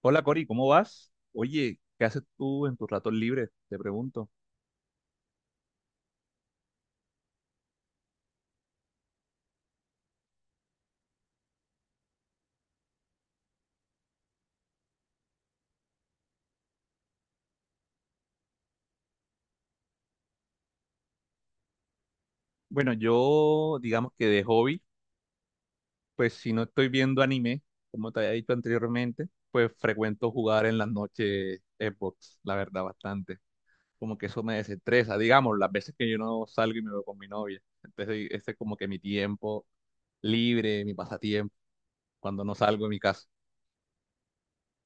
Hola Cori, ¿cómo vas? Oye, ¿qué haces tú en tus ratos libres? Te pregunto. Bueno, yo digamos que de hobby, pues si no estoy viendo anime, como te había dicho anteriormente, pues frecuento jugar en las noches Xbox, la verdad, bastante. Como que eso me desestresa, digamos, las veces que yo no salgo y me veo con mi novia. Entonces, ese es como que mi tiempo libre, mi pasatiempo, cuando no salgo de mi casa.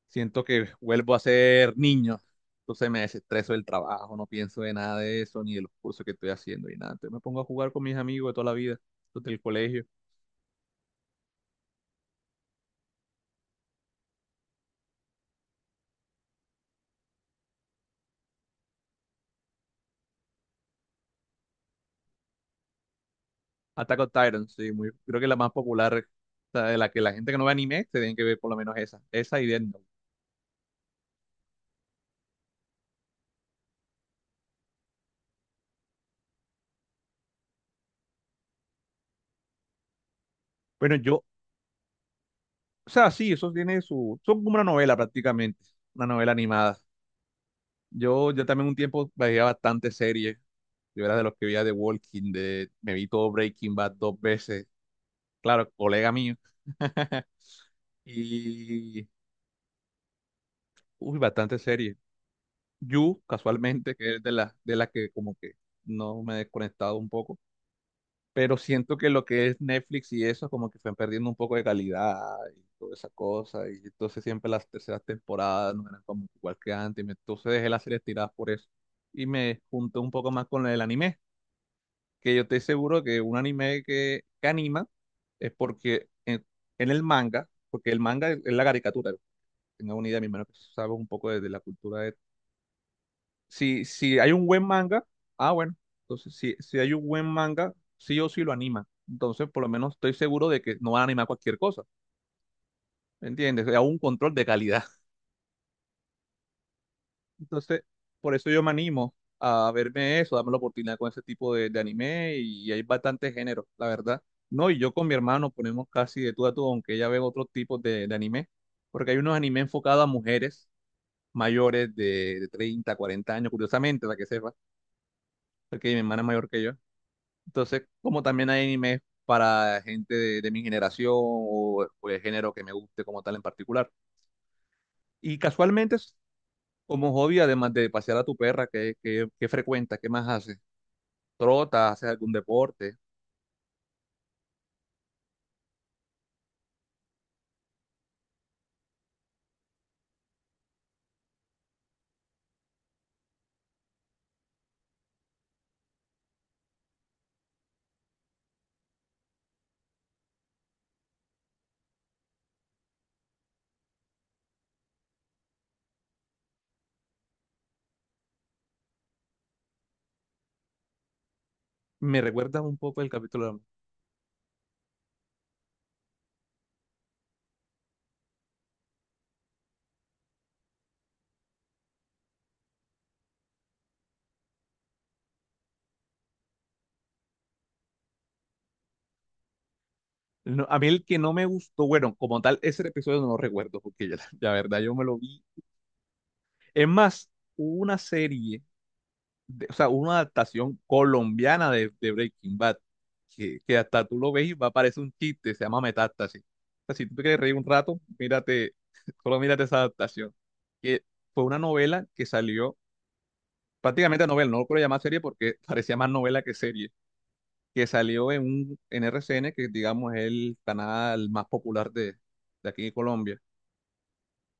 Siento que vuelvo a ser niño. Entonces me desestreso del trabajo, no pienso de nada de eso, ni de los cursos que estoy haciendo, ni nada. Entonces me pongo a jugar con mis amigos de toda la vida, los del colegio. Attack on Titan, sí, muy, creo que la más popular, o sea, de la que la gente que no ve anime, se tienen que ver por lo menos esa, esa y Death Note. Bueno, yo, o sea, sí, eso tiene su, son como una novela prácticamente, una novela animada. Yo también un tiempo veía bastante series, yo era de los que veía The Walking Dead, me vi todo Breaking Bad dos veces, claro, colega mío. Y, uy, bastante serie. You, casualmente, que es de las que como que no me he desconectado un poco, pero siento que lo que es Netflix y eso como que están perdiendo un poco de calidad y toda esa cosa, y entonces siempre las terceras temporadas no eran como igual que antes, y me- entonces dejé las series tiradas por eso. Y me junté un poco más con el anime, que yo estoy seguro que un anime que anima es porque en el manga, porque el manga es la caricatura, tenga una idea, mi hermano, que sabes un poco de la cultura de... Si, si hay un buen manga, ah, bueno, entonces si, si hay un buen manga, sí o sí lo anima. Entonces, por lo menos estoy seguro de que no van a animar cualquier cosa, ¿me entiendes? Hay un control de calidad. Entonces, por eso yo me animo a verme eso, darme la oportunidad con ese tipo de anime y hay bastante género, la verdad. No, y yo con mi hermano ponemos casi de tú a tú, aunque ella ve otros tipos de anime, porque hay unos anime enfocados a mujeres mayores de 30, 40 años, curiosamente, para que sepa porque mi hermana es mayor que yo. Entonces, como también hay animes para gente de mi generación o el género que me guste como tal en particular. Y casualmente, es como hobby, además de pasear a tu perra, ¿qué, qué, qué frecuenta? ¿Qué más haces? ¿Trotas? ¿Haces algún deporte? Me recuerdas un poco el capítulo. No, a mí el que no me gustó, bueno, como tal, ese episodio no lo recuerdo, porque ya, la verdad yo me lo vi. Es más, hubo una serie de- o sea, una adaptación colombiana de Breaking Bad, que hasta tú lo ves y va a parecer un chiste, se llama Metástasis. O sea, si tú te quieres reír un rato, mírate, solo mírate esa adaptación, que fue una novela que salió, prácticamente novela, no lo puedo llamar serie porque parecía más novela que serie, que salió en un en R C N que digamos es el canal más popular de aquí de Colombia,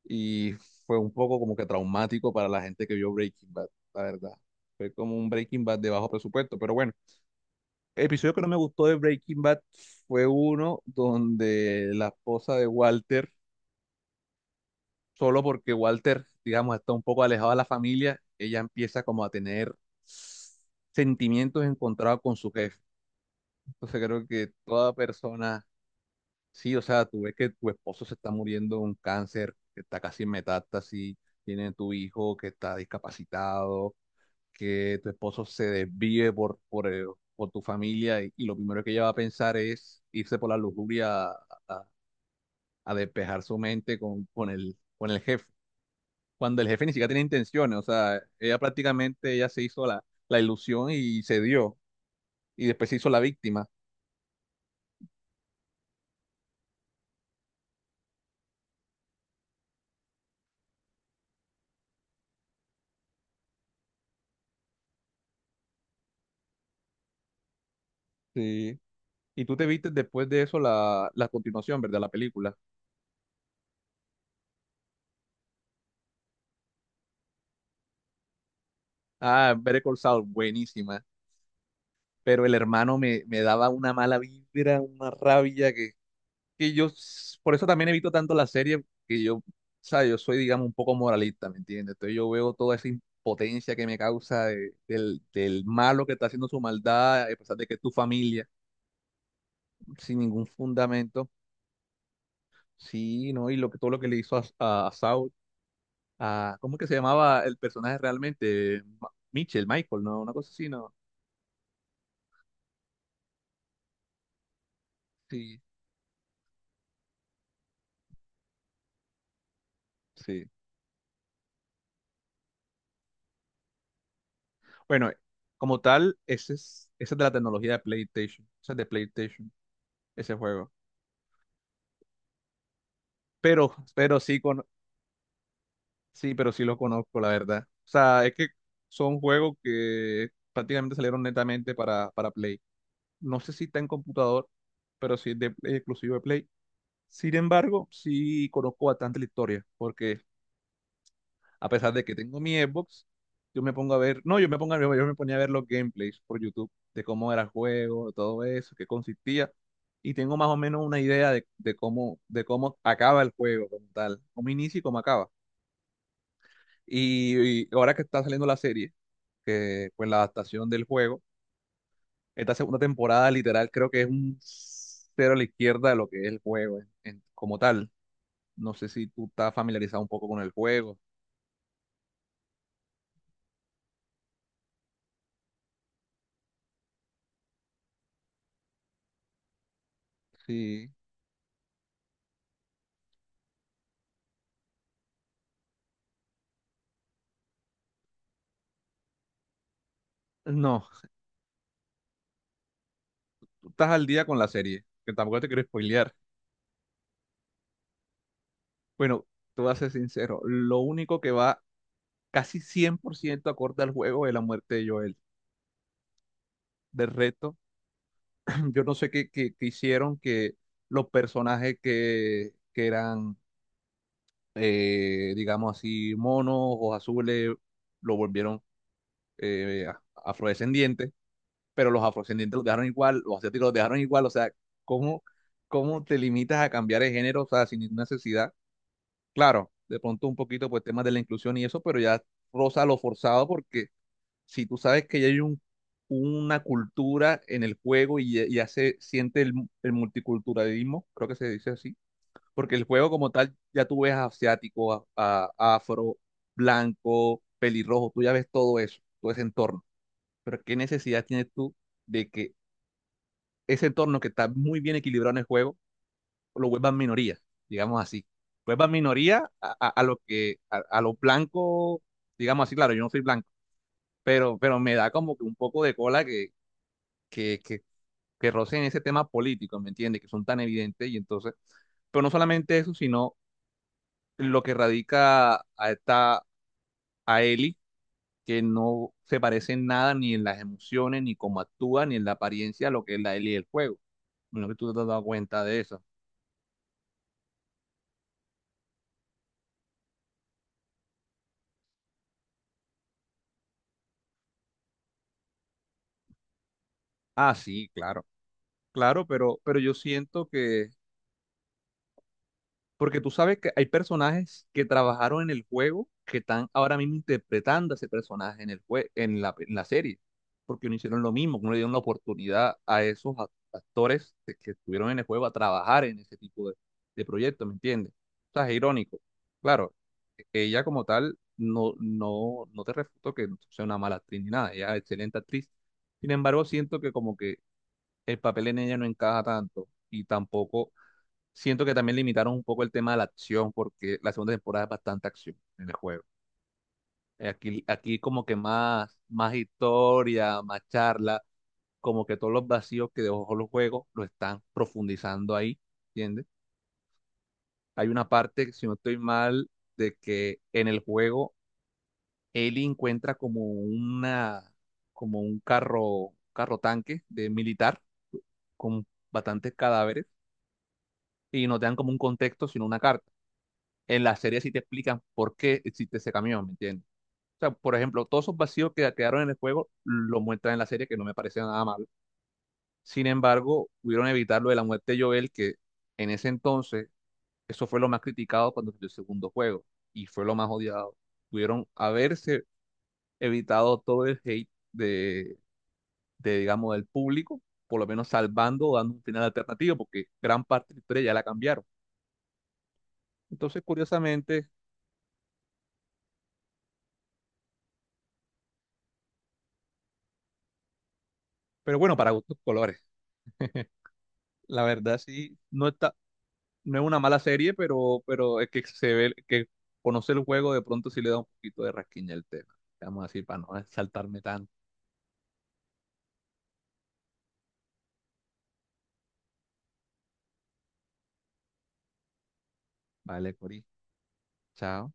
y fue un poco como que traumático para la gente que vio Breaking Bad, la verdad. Fue como un Breaking Bad de bajo presupuesto, pero bueno. El episodio que no me gustó de Breaking Bad fue uno donde la esposa de Walter, solo porque Walter, digamos, está un poco alejado de la familia, ella empieza como a tener sentimientos encontrados con su jefe. Entonces creo que toda persona, sí, o sea, tú ves que tu esposo se está muriendo de un cáncer, que está casi en metástasis, tiene tu hijo que está discapacitado, que tu esposo se desvíe por tu familia y lo primero que ella va a pensar es irse por la lujuria a despejar su mente con el jefe. Cuando el jefe ni siquiera tiene intenciones, o sea, ella prácticamente ella se hizo la, la ilusión y se dio, y después se hizo la víctima. Sí. Y tú te viste después de eso la, la continuación, ¿verdad? La película. Ah, Better Call Saul, buenísima. Pero el hermano me, me daba una mala vibra, una rabia que yo, s- por eso también evito tanto la serie, que yo, o sea, yo soy, digamos, un poco moralista, ¿me entiendes? Entonces yo veo toda esa impotencia que me causa de- del, del malo que está haciendo su maldad, a pesar de que es tu familia, sin ningún fundamento, sí, ¿no? Y lo que, todo lo que le hizo a Saul, a, ¿cómo es que se llamaba el personaje realmente? Ma- Mitchell, Michael, ¿no? Una cosa así, ¿no? Sí, sí. Bueno, como tal, ese es de la tecnología de PlayStation, ese es de PlayStation, ese juego. Pero sí, con, sí, pero sí lo conozco, la verdad. O sea, es que son juegos que prácticamente salieron netamente para Play. No sé si está en computador, pero sí es de, es exclusivo de Play. Sin embargo, sí conozco bastante la historia, porque a pesar de que tengo mi Xbox, yo me pongo a ver, no, yo me pongo a ver- yo me ponía a ver los gameplays por YouTube de cómo era el juego, de todo eso, qué consistía, y tengo más o menos una idea de cómo acaba el juego como tal, cómo inicia y cómo acaba. Y ahora que está saliendo la serie, que pues la adaptación del juego, esta segunda temporada literal creo que es un cero a la izquierda de lo que es el juego en- como tal. No sé si tú estás familiarizado un poco con el juego. Sí. No, tú estás al día con la serie, que tampoco te quiero spoilear. Bueno, te voy a ser sincero, lo único que va casi 100% acorde al juego es la muerte de Joel. Del resto, yo no sé qué, qué- qué hicieron que los personajes que eran digamos así, monos, ojos azules, lo volvieron a- afrodescendientes, pero los afrodescendientes los dejaron igual, los asiáticos los dejaron igual, o sea, ¿cómo, cómo te limitas a cambiar de género, o sea, sin ninguna necesidad? Claro, de pronto un poquito pues temas de la inclusión y eso, pero ya roza lo forzado porque si tú sabes que ya hay un, una cultura en el juego y ya, ya se siente el multiculturalismo, creo que se dice así porque el juego como tal ya tú ves asiático, a- afro, blanco, pelirrojo, tú ya ves todo eso, todo ese entorno. Pero ¿qué necesidad tienes tú de que ese entorno que está muy bien equilibrado en el juego lo vuelvan minoría, digamos así? Vuelvan minoría a lo que, a lo blanco, digamos así, claro, yo no soy blanco, pero me da como que un poco de cola que, que, que rocen ese tema político, ¿me entiendes? Que son tan evidentes y entonces... Pero no solamente eso, sino lo que radica a esta, a Ellie, que no se parece en nada ni en las emociones, ni cómo actúa, ni en la apariencia a lo que es la Ellie del juego. Menos que tú te has dado cuenta de eso. Ah, sí, claro, claro, pero yo siento que porque tú sabes que hay personajes que trabajaron en el juego que están ahora mismo interpretando a ese personaje en el jue- en la serie, porque no hicieron lo mismo, no le dieron la oportunidad a esos act- actores que estuvieron en el juego a trabajar en ese tipo de proyectos, ¿me entiendes? O sea, es irónico. Claro, e-, ella como tal, no, no, no te refuto que sea una mala actriz ni nada, ella es excelente actriz. Sin embargo, siento que como que el papel en ella no encaja tanto y tampoco siento que también limitaron un poco el tema de la acción, porque la segunda temporada es bastante acción en el juego. Aquí, aquí como que más, más historia, más charla, como que todos los vacíos que dejó los juegos lo están profundizando ahí, ¿entiendes? Hay una parte, si no estoy mal, de que en el juego Ellie encuentra como una, como un carro, carro tanque de militar con bastantes cadáveres y no te dan como un contexto, sino una carta. En la serie sí te explican por qué existe ese camión, ¿me entiendes? O sea, por ejemplo, todos esos vacíos que quedaron en el juego lo muestran en la serie, que no me parece nada mal. Sin embargo, pudieron evitar lo de la muerte de Joel, que en ese entonces, eso fue lo más criticado cuando salió el segundo juego y fue lo más odiado. Pudieron haberse evitado todo el hate de, digamos, del público, por lo menos salvando o dando un final alternativo, porque gran parte de la historia ya la cambiaron. Entonces, curiosamente, pero bueno, para gustos colores. La verdad, sí, no está, no es una mala serie, pero es que se ve que conoce el juego de pronto sí le da un poquito de rasquiña el tema. Vamos así para no saltarme tanto. Vale, Cori. Chao.